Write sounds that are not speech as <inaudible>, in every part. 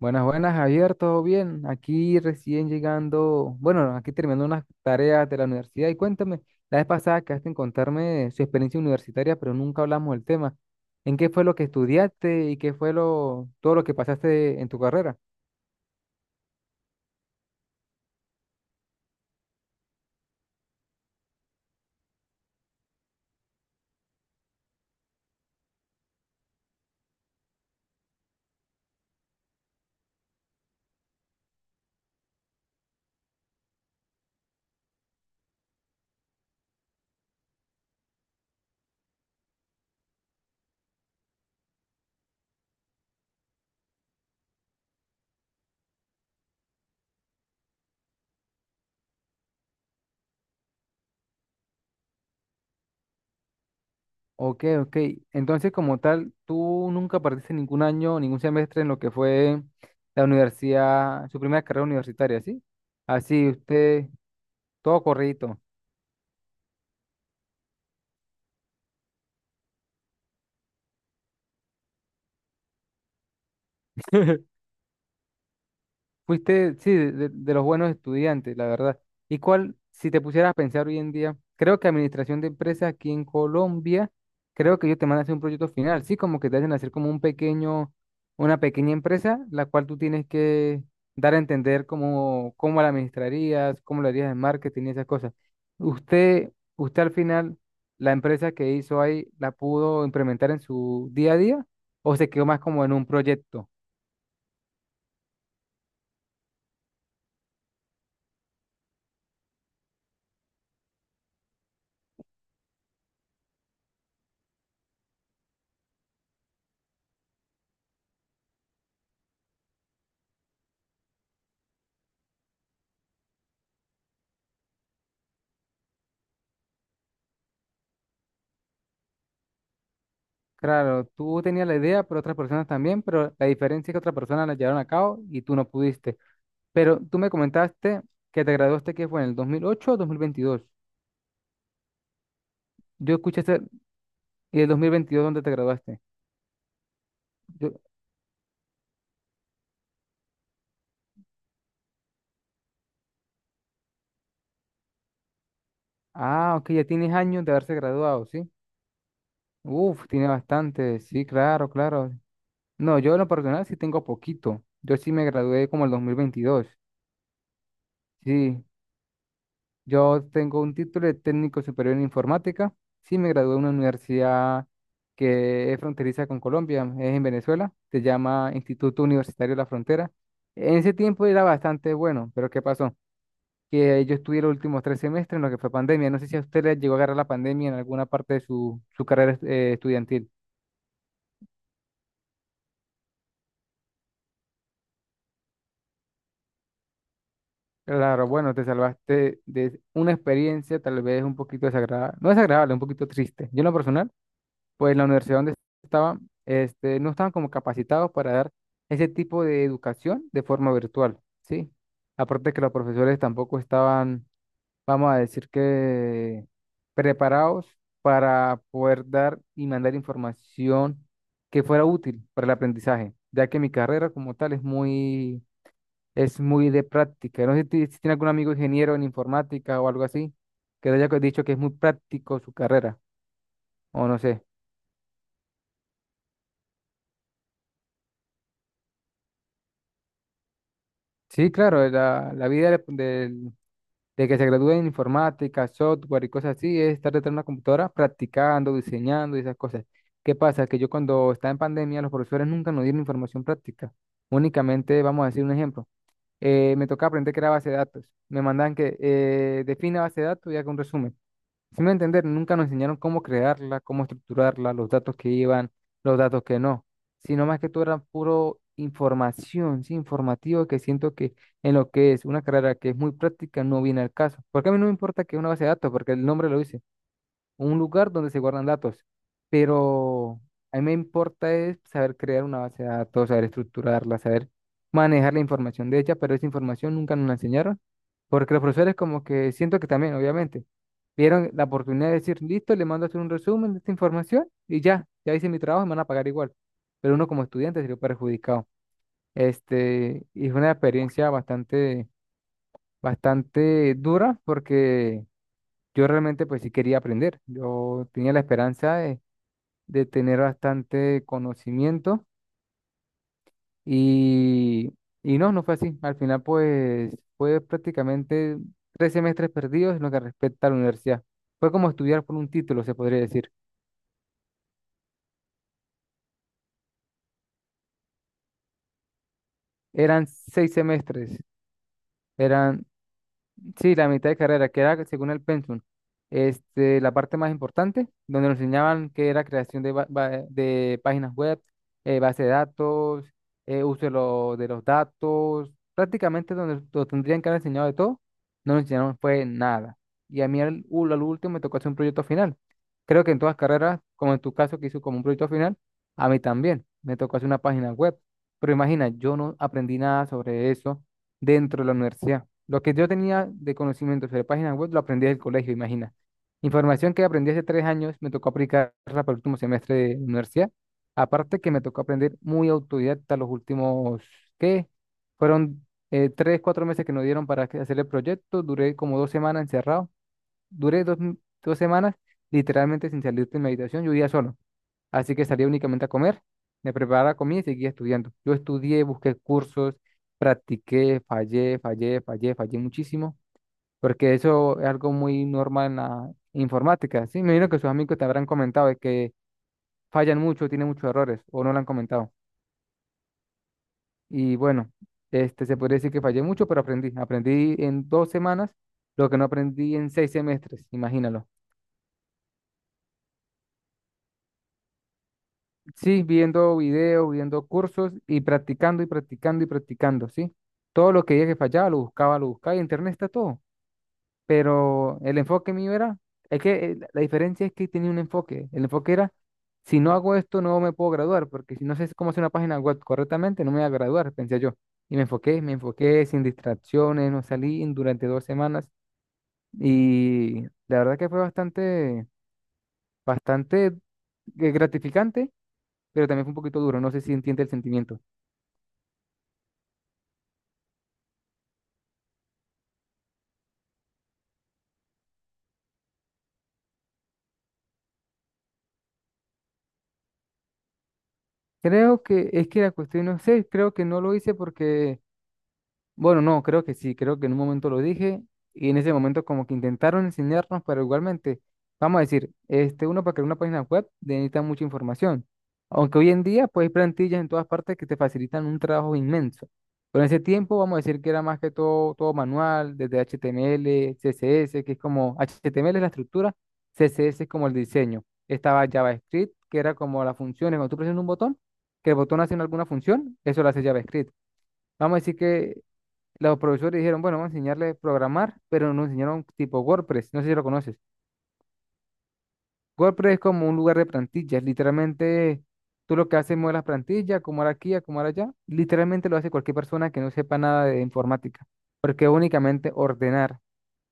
Buenas, buenas, Javier, ¿todo bien? Aquí recién llegando, bueno, aquí terminando unas tareas de la universidad y cuéntame, la vez pasada quedaste en contarme su experiencia universitaria, pero nunca hablamos del tema. ¿En qué fue lo que estudiaste y qué fue todo lo que pasaste en tu carrera? Ok, ok. Entonces, como tal, tú nunca partiste ningún año, ningún semestre en lo que fue la universidad, su primera carrera universitaria, ¿sí? Así, usted, todo corridito. <laughs> Fuiste, sí, de los buenos estudiantes, la verdad. ¿Y cuál, si te pusieras a pensar hoy en día, creo que administración de empresas aquí en Colombia, creo que ellos te mandan a hacer un proyecto final, sí, como que te hacen hacer como un pequeño, una pequeña empresa, la cual tú tienes que dar a entender cómo, cómo la administrarías, cómo lo harías en marketing y esas cosas. Usted, usted al final, la empresa que hizo ahí, ¿la pudo implementar en su día a día o se quedó más como en un proyecto? Claro, tú tenías la idea, pero otras personas también, pero la diferencia es que otras personas la llevaron a cabo y tú no pudiste. Pero tú me comentaste que te graduaste, ¿qué fue? ¿En el 2008 o 2022? Yo escuché ¿y el 2022 dónde te graduaste? Yo, ah, ok, ya tienes años de haberse graduado, ¿sí? Uf, tiene bastante, sí, claro, claro. No, yo en lo personal sí tengo poquito. Yo sí me gradué como el 2022, sí. Yo tengo un título de técnico superior en informática. Sí, me gradué en una universidad que es fronteriza con Colombia, es en Venezuela, se llama Instituto Universitario de la Frontera. En ese tiempo era bastante bueno, pero ¿qué pasó? Que yo estudié los últimos 3 semestres en lo que fue pandemia. No sé si a usted le llegó a agarrar la pandemia en alguna parte de su carrera estudiantil. Claro, bueno, te salvaste de una experiencia tal vez un poquito desagradable, no desagradable, un poquito triste. Yo en lo personal pues la universidad donde estaba, no estaban como capacitados para dar ese tipo de educación de forma virtual, ¿sí? Aparte que los profesores tampoco estaban, vamos a decir que, preparados para poder dar y mandar información que fuera útil para el aprendizaje, ya que mi carrera como tal es muy de práctica. No sé si, si tiene algún amigo ingeniero en informática o algo así, que le haya dicho que es muy práctico su carrera, o no sé. Sí, claro, la vida de que se gradúe en informática, software y cosas así, es estar detrás de una computadora practicando, diseñando y esas cosas. ¿Qué pasa? Que yo cuando estaba en pandemia, los profesores nunca nos dieron información práctica. Únicamente, vamos a decir un ejemplo, me tocaba aprender que era base de datos. Me mandaban que defina base de datos y haga un resumen. Si me entender, nunca nos enseñaron cómo crearla, cómo estructurarla, los datos que iban, los datos que no, sino más que todo era puro información, sí, informativo, que siento que en lo que es una carrera que es muy práctica no viene al caso. Porque a mí no me importa que es una base de datos, porque el nombre lo dice un lugar donde se guardan datos. Pero a mí me importa es saber crear una base de datos, saber estructurarla, saber manejar la información de ella, pero esa información nunca nos la enseñaron, porque los profesores como que siento que también, obviamente, vieron la oportunidad de decir, listo, le mando a hacer un resumen de esta información y ya, ya hice mi trabajo, me van a pagar igual. Pero uno como estudiante salió perjudicado. Y fue una experiencia bastante, bastante dura porque yo realmente pues sí quería aprender. Yo tenía la esperanza de tener bastante conocimiento y, y no, no fue así. Al final pues fue prácticamente 3 semestres perdidos en lo que respecta a la universidad. Fue como estudiar por un título, se podría decir. Eran 6 semestres, eran sí, la mitad de carrera, que era según el pensum, la parte más importante, donde nos enseñaban que era creación de, de páginas web, base de datos, uso de, de los datos, prácticamente donde nos tendrían que haber enseñado de todo, no nos enseñaron fue nada. Y a mí al último me tocó hacer un proyecto final. Creo que en todas carreras, como en tu caso que hizo como un proyecto final, a mí también me tocó hacer una página web. Pero imagina, yo no aprendí nada sobre eso dentro de la universidad. Lo que yo tenía de conocimiento sobre páginas web lo aprendí del colegio, imagina. Información que aprendí hace 3 años, me tocó aplicarla para el último semestre de universidad. Aparte que me tocó aprender muy autodidacta los últimos, ¿qué? Fueron 3, 4 meses que nos dieron para hacer el proyecto. Duré como 2 semanas encerrado. Duré dos semanas literalmente sin salir de mi habitación. Yo vivía solo así que salía únicamente a comer, me preparaba la comida y seguía estudiando. Yo estudié, busqué cursos, practiqué, fallé, fallé, fallé, fallé muchísimo, porque eso es algo muy normal en la informática, ¿sí? Me imagino que sus amigos te habrán comentado de que fallan mucho, tienen muchos errores, o no lo han comentado. Y bueno, se podría decir que fallé mucho, pero aprendí. Aprendí en 2 semanas lo que no aprendí en 6 semestres, imagínalo. Sí, viendo videos, viendo cursos y practicando y practicando y practicando, ¿sí? Todo lo que dije que fallaba, lo buscaba y en internet está todo. Pero el enfoque mío era, es que la diferencia es que tenía un enfoque. El enfoque era, si no hago esto, no me puedo graduar, porque si no sé cómo hacer una página web correctamente, no me voy a graduar, pensé yo. Y me enfoqué sin distracciones, no salí durante 2 semanas y la verdad que fue bastante, bastante gratificante pero también fue un poquito duro, no sé si entiende el sentimiento. Creo que es que la cuestión, no sé, creo que no lo hice porque bueno, no, creo que sí, creo que en un momento lo dije y en ese momento como que intentaron enseñarnos, pero igualmente, vamos a decir, uno para crear una página web necesita mucha información, aunque hoy en día pues hay plantillas en todas partes que te facilitan un trabajo inmenso, pero en ese tiempo vamos a decir que era más que todo, todo manual, desde HTML, CSS, que es como, HTML es la estructura, CSS es como el diseño, estaba JavaScript, que era como las funciones, cuando tú presionas un botón, que el botón hace alguna función, eso lo hace JavaScript. Vamos a decir que los profesores dijeron, bueno, vamos a enseñarle a programar, pero nos enseñaron tipo WordPress, no sé si lo conoces. WordPress es como un lugar de plantillas, literalmente tú lo que haces es mover las plantillas, como ahora aquí, como ahora allá, literalmente lo hace cualquier persona que no sepa nada de informática, porque es únicamente ordenar,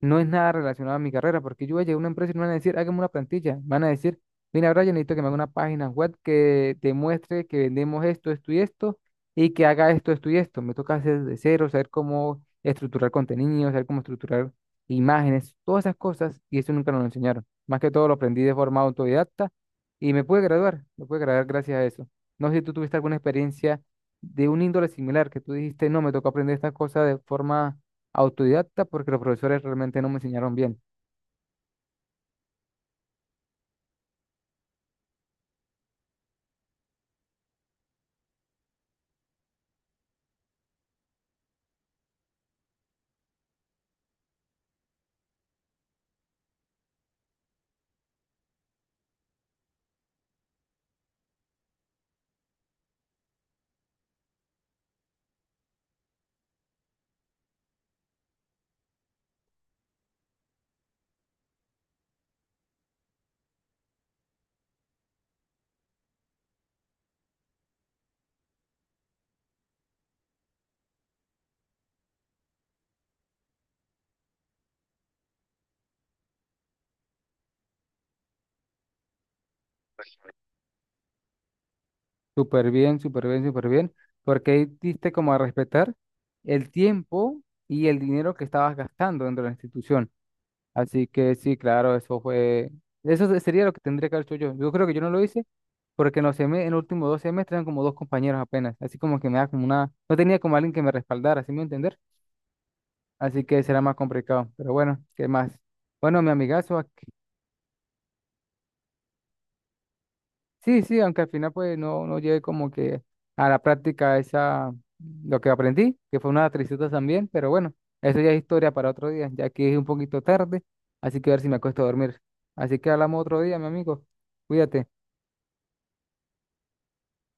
no es nada relacionado a mi carrera, porque yo voy a llegar a una empresa y me van a decir, hágame una plantilla. Me van a decir, mira, Brian, necesito que me haga una página web que demuestre que vendemos esto, esto y esto, y que haga esto, esto y esto. Me toca hacer de cero, saber cómo estructurar contenido, saber cómo estructurar imágenes, todas esas cosas, y eso nunca nos lo enseñaron. Más que todo lo aprendí de forma autodidacta y me pude graduar gracias a eso. No sé si tú tuviste alguna experiencia de un índole similar, que tú dijiste, no, me tocó aprender estas cosas de forma autodidacta porque los profesores realmente no me enseñaron bien. Súper bien, súper bien, súper bien. Porque ahí diste como a respetar el tiempo y el dinero que estabas gastando dentro de la institución. Así que sí, claro, eso fue... Sería lo que tendría que haber hecho yo. Yo creo que yo no lo hice porque en los, en los últimos 2 semestres eran como dos compañeros apenas. Así como que me da como una... No tenía como alguien que me respaldara, ¿sí me voy a entender. Así que será más complicado. Pero bueno, ¿qué más? Bueno, mi amigazo, sí, sí, aunque al final pues no, no lleve como que a la práctica esa lo que aprendí, que fue una tristeza también, pero bueno, eso ya es historia para otro día, ya que es un poquito tarde, así que a ver si me acuesto a dormir. Así que hablamos otro día, mi amigo. Cuídate.